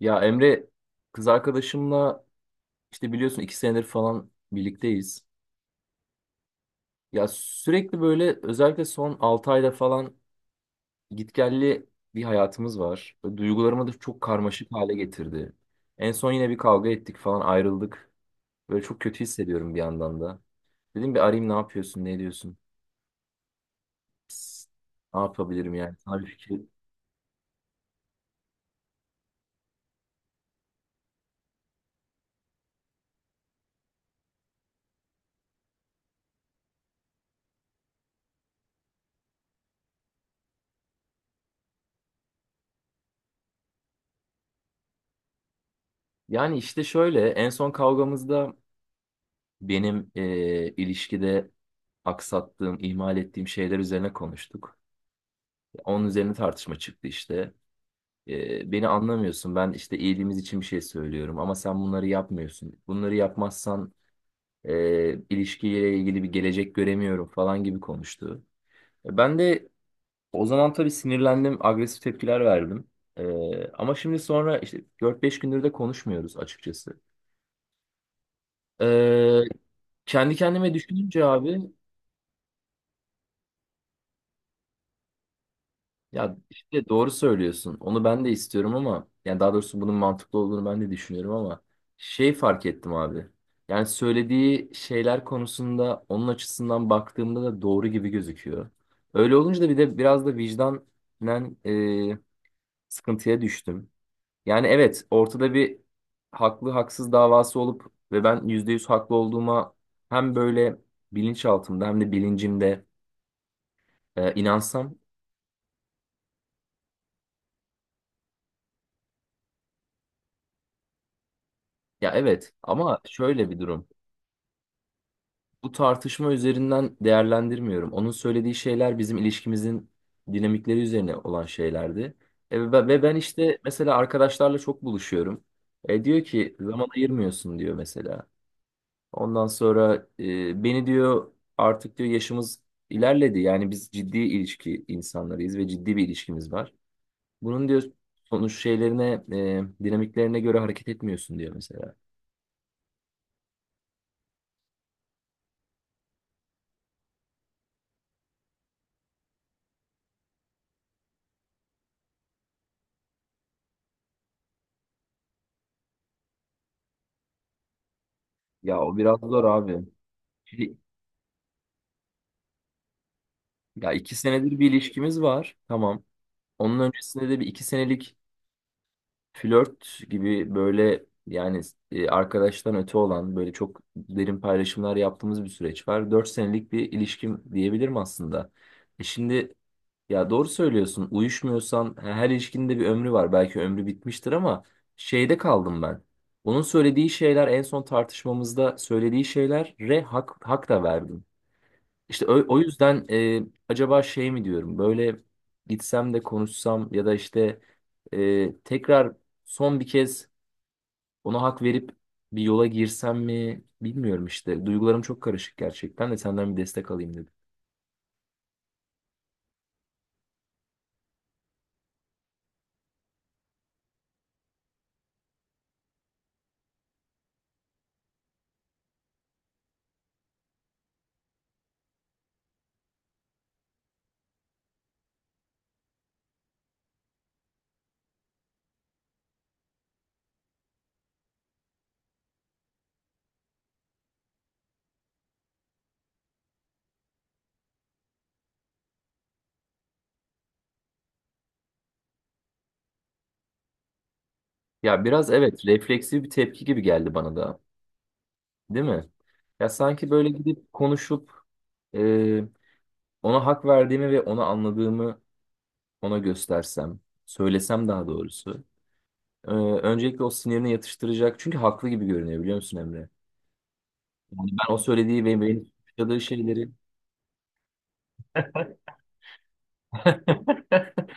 Ya Emre, kız arkadaşımla işte biliyorsun 2 senedir falan birlikteyiz. Ya sürekli böyle, özellikle son 6 ayda falan gitgelli bir hayatımız var. Böyle duygularımı da çok karmaşık hale getirdi. En son yine bir kavga ettik falan, ayrıldık. Böyle çok kötü hissediyorum bir yandan da. Dedim bir arayayım, ne yapıyorsun ne ediyorsun? Psst, ne yapabilirim yani, sana bir fikir. Yani işte şöyle, en son kavgamızda benim ilişkide aksattığım, ihmal ettiğim şeyler üzerine konuştuk. Onun üzerine tartışma çıktı işte. Beni anlamıyorsun. Ben işte iyiliğimiz için bir şey söylüyorum ama sen bunları yapmıyorsun. Bunları yapmazsan ilişkiyle ilgili bir gelecek göremiyorum falan gibi konuştu. Ben de o zaman tabii sinirlendim, agresif tepkiler verdim. E, ama şimdi sonra işte 4-5 gündür de konuşmuyoruz açıkçası. E, kendi kendime düşününce abi. Ya işte doğru söylüyorsun. Onu ben de istiyorum ama yani daha doğrusu bunun mantıklı olduğunu ben de düşünüyorum ama şey fark ettim abi. Yani söylediği şeyler konusunda onun açısından baktığımda da doğru gibi gözüküyor. Öyle olunca da bir de biraz da vicdanen e, sıkıntıya düştüm. Yani evet, ortada bir haklı haksız davası olup ve ben %100 haklı olduğuma hem böyle bilinçaltımda hem de bilincimde inansam. Ya evet, ama şöyle bir durum. Bu tartışma üzerinden değerlendirmiyorum. Onun söylediği şeyler bizim ilişkimizin dinamikleri üzerine olan şeylerdi. Ve ben işte mesela arkadaşlarla çok buluşuyorum. Diyor ki zaman ayırmıyorsun, diyor mesela. Ondan sonra beni diyor, artık diyor yaşımız ilerledi. Yani biz ciddi ilişki insanlarıyız ve ciddi bir ilişkimiz var. Bunun diyor sonuç şeylerine, dinamiklerine göre hareket etmiyorsun diyor mesela. Ya o biraz zor abi. Şimdi- ya 2 senedir bir ilişkimiz var. Tamam. Onun öncesinde de bir iki senelik flört gibi, böyle yani arkadaştan öte olan, böyle çok derin paylaşımlar yaptığımız bir süreç var. 4 senelik bir ilişkim diyebilirim aslında. Şimdi ya doğru söylüyorsun, uyuşmuyorsan her ilişkinin de bir ömrü var. Belki ömrü bitmiştir ama şeyde kaldım ben. Onun söylediği şeyler, en son tartışmamızda söylediği şeylere hak da verdim. İşte o yüzden acaba şey mi diyorum böyle, gitsem de konuşsam ya da işte tekrar, son bir kez ona hak verip bir yola girsem mi bilmiyorum işte. Duygularım çok karışık gerçekten, de senden bir destek alayım dedim. Ya biraz evet, refleksif bir tepki gibi geldi bana da, değil mi? Ya sanki böyle gidip konuşup e, ona hak verdiğimi ve onu anladığımı ona göstersem, söylesem daha doğrusu. Öncelikle o sinirine yatıştıracak. Çünkü haklı gibi görünüyor, biliyor musun Emre? Yani ben o söylediği ve benim yaşadığı şeyleri.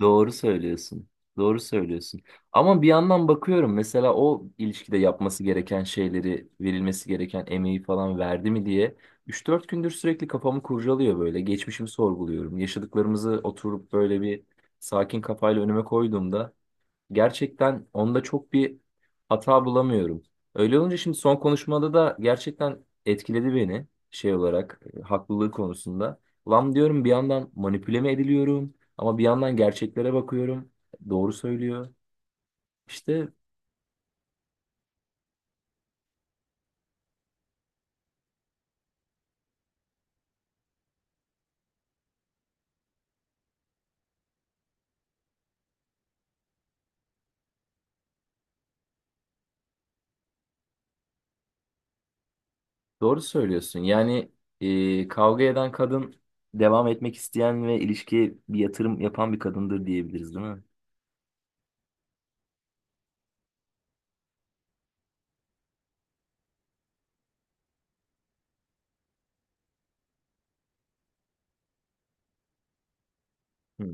Doğru söylüyorsun. Doğru söylüyorsun. Ama bir yandan bakıyorum mesela, o ilişkide yapması gereken şeyleri, verilmesi gereken emeği falan verdi mi diye 3-4 gündür sürekli kafamı kurcalıyor böyle. Geçmişimi sorguluyorum. Yaşadıklarımızı oturup böyle bir sakin kafayla önüme koyduğumda gerçekten onda çok bir hata bulamıyorum. Öyle olunca, şimdi son konuşmada da gerçekten etkiledi beni şey olarak, haklılığı konusunda. Lan diyorum bir yandan manipüle mi ediliyorum, ama bir yandan gerçeklere bakıyorum. Doğru söylüyor. İşte doğru söylüyorsun. Yani kavga eden kadın, devam etmek isteyen ve ilişkiye bir yatırım yapan bir kadındır diyebiliriz, değil mi? Hı.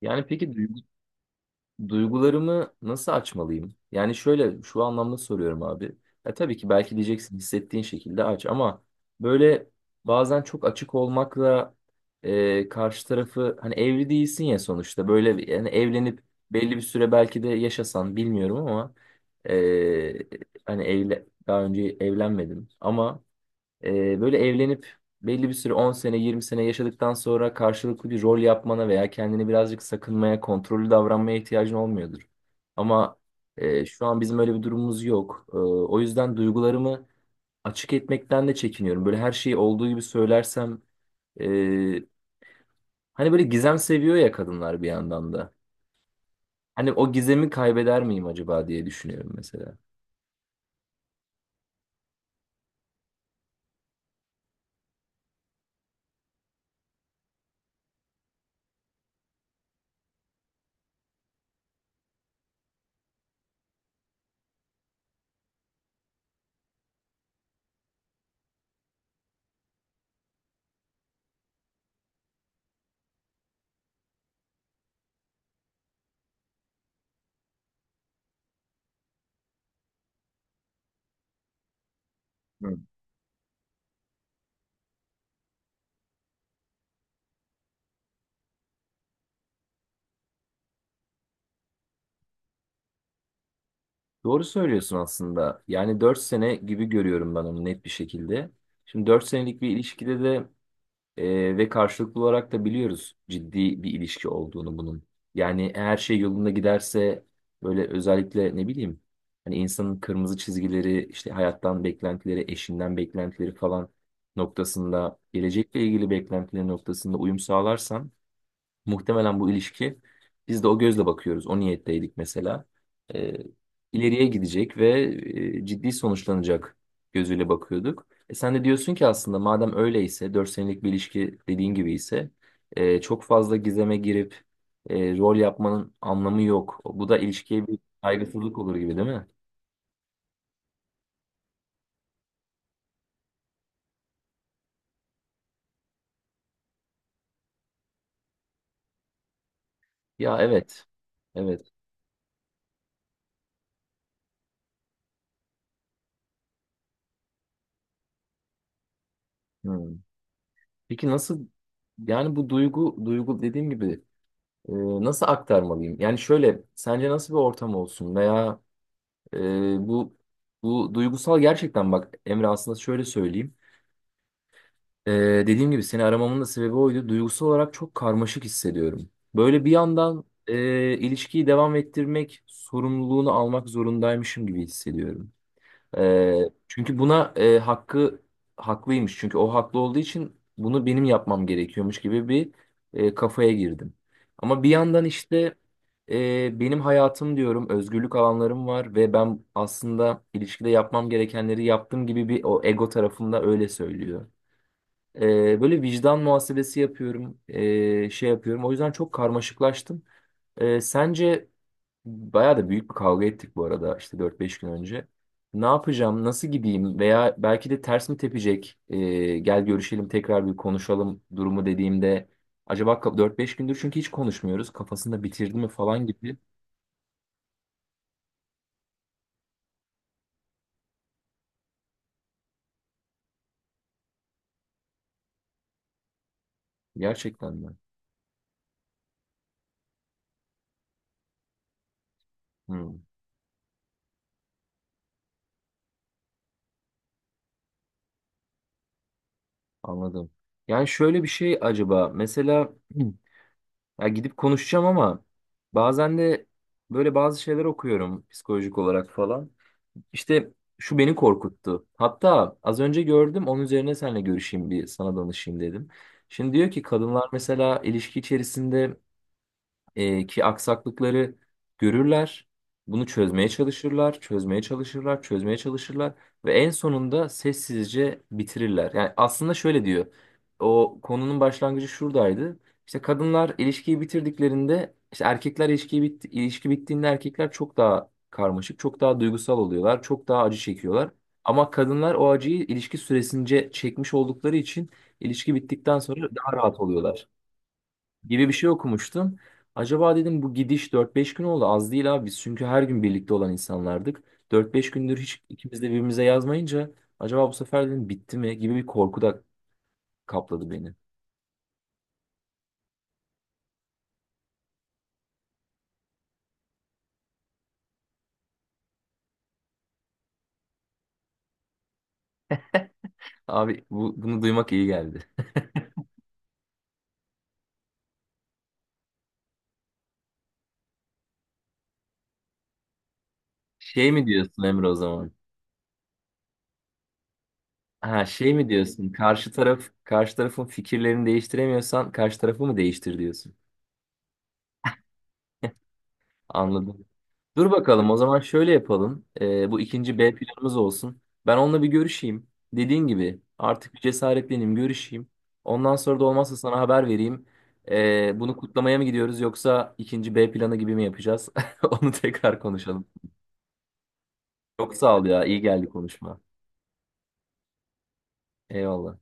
Yani peki duygularımı nasıl açmalıyım? Yani şöyle, şu anlamda soruyorum abi. Ya tabii ki, belki diyeceksin hissettiğin şekilde aç, ama böyle bazen çok açık olmakla karşı tarafı, hani evli değilsin ya sonuçta, böyle yani evlenip belli bir süre belki de yaşasan bilmiyorum, ama e, hani evle daha önce evlenmedim ama böyle evlenip belli bir süre, 10 sene 20 sene yaşadıktan sonra, karşılıklı bir rol yapmana veya kendini birazcık sakınmaya, kontrollü davranmaya ihtiyacın olmuyordur. Ama şu an bizim öyle bir durumumuz yok. O yüzden duygularımı açık etmekten de çekiniyorum. Böyle her şeyi olduğu gibi söylersem e, hani böyle gizem seviyor ya kadınlar bir yandan da. Hani o gizemi kaybeder miyim acaba diye düşünüyorum mesela. Hı. Doğru söylüyorsun aslında. Yani 4 sene gibi görüyorum ben onu net bir şekilde. Şimdi 4 senelik bir ilişkide de, ve karşılıklı olarak da biliyoruz ciddi bir ilişki olduğunu bunun. Yani her şey yolunda giderse, böyle özellikle ne bileyim, hani insanın kırmızı çizgileri, işte hayattan beklentileri, eşinden beklentileri falan noktasında, gelecekle ilgili beklentileri noktasında uyum sağlarsan muhtemelen bu ilişki, biz de o gözle bakıyoruz. O niyetteydik mesela. Ee, ileriye gidecek ve ciddi sonuçlanacak gözüyle bakıyorduk. Sen de diyorsun ki aslında madem öyleyse 4 senelik bir ilişki dediğin gibi ise çok fazla gizeme girip rol yapmanın anlamı yok. Bu da ilişkiye bir saygısızlık olur gibi, değil mi? Ya evet. Evet. Hmm. Peki nasıl, yani bu duygu dediğim gibi, E, nasıl aktarmalıyım? Yani şöyle, sence nasıl bir ortam olsun veya e, bu bu duygusal, gerçekten bak Emre, aslında şöyle söyleyeyim. E, dediğim gibi seni aramamın da sebebi oydu. Duygusal olarak çok karmaşık hissediyorum. Böyle bir yandan ilişkiyi devam ettirmek sorumluluğunu almak zorundaymışım gibi hissediyorum. Çünkü buna e, hakkı haklıymış. Çünkü o haklı olduğu için bunu benim yapmam gerekiyormuş gibi bir kafaya girdim. Ama bir yandan işte benim hayatım diyorum, özgürlük alanlarım var ve ben aslında ilişkide yapmam gerekenleri yaptım gibi bir, o ego tarafımda öyle söylüyor. Böyle vicdan muhasebesi yapıyorum, şey yapıyorum. O yüzden çok karmaşıklaştım. Sence? Bayağı da büyük bir kavga ettik bu arada işte, 4-5 gün önce. Ne yapacağım, nasıl gideyim, veya belki de ters mi tepecek, gel görüşelim tekrar bir konuşalım durumu dediğimde, acaba 4-5 gündür çünkü hiç konuşmuyoruz, kafasında bitirdi mi falan gibi. Gerçekten mi? Hmm, anladım. Yani şöyle bir şey, acaba mesela, ya gidip konuşacağım ama bazen de böyle bazı şeyler okuyorum psikolojik olarak falan. İşte şu beni korkuttu. Hatta az önce gördüm, onun üzerine seninle görüşeyim bir sana danışayım dedim. Şimdi diyor ki kadınlar mesela ilişki içerisinde ki aksaklıkları görürler. Bunu çözmeye çalışırlar, çözmeye çalışırlar, çözmeye çalışırlar ve en sonunda sessizce bitirirler. Yani aslında şöyle diyor. O konunun başlangıcı şuradaydı. İşte kadınlar ilişkiyi bitirdiklerinde, ilişki bittiğinde erkekler çok daha karmaşık, çok daha duygusal oluyorlar, çok daha acı çekiyorlar. Ama kadınlar o acıyı ilişki süresince çekmiş oldukları için ilişki bittikten sonra daha rahat oluyorlar gibi bir şey okumuştum. Acaba dedim, bu gidiş 4-5 gün oldu, az değil abi, biz çünkü her gün birlikte olan insanlardık. 4-5 gündür hiç ikimiz de birbirimize yazmayınca acaba bu sefer dedim bitti mi gibi bir korku da kapladı beni. Abi bunu duymak iyi geldi. Şey mi diyorsun Emre, o zaman? Ha, şey mi diyorsun? Karşı tarafın fikirlerini değiştiremiyorsan karşı tarafı mı değiştir diyorsun? Anladım. Dur bakalım, o zaman şöyle yapalım. Bu ikinci B planımız olsun. Ben onunla bir görüşeyim. Dediğin gibi artık bir cesaretleneyim, görüşeyim. Ondan sonra da olmazsa sana haber vereyim. Bunu kutlamaya mı gidiyoruz yoksa ikinci B planı gibi mi yapacağız? Onu tekrar konuşalım. Çok sağ ol ya. İyi geldi konuşma. Eyvallah.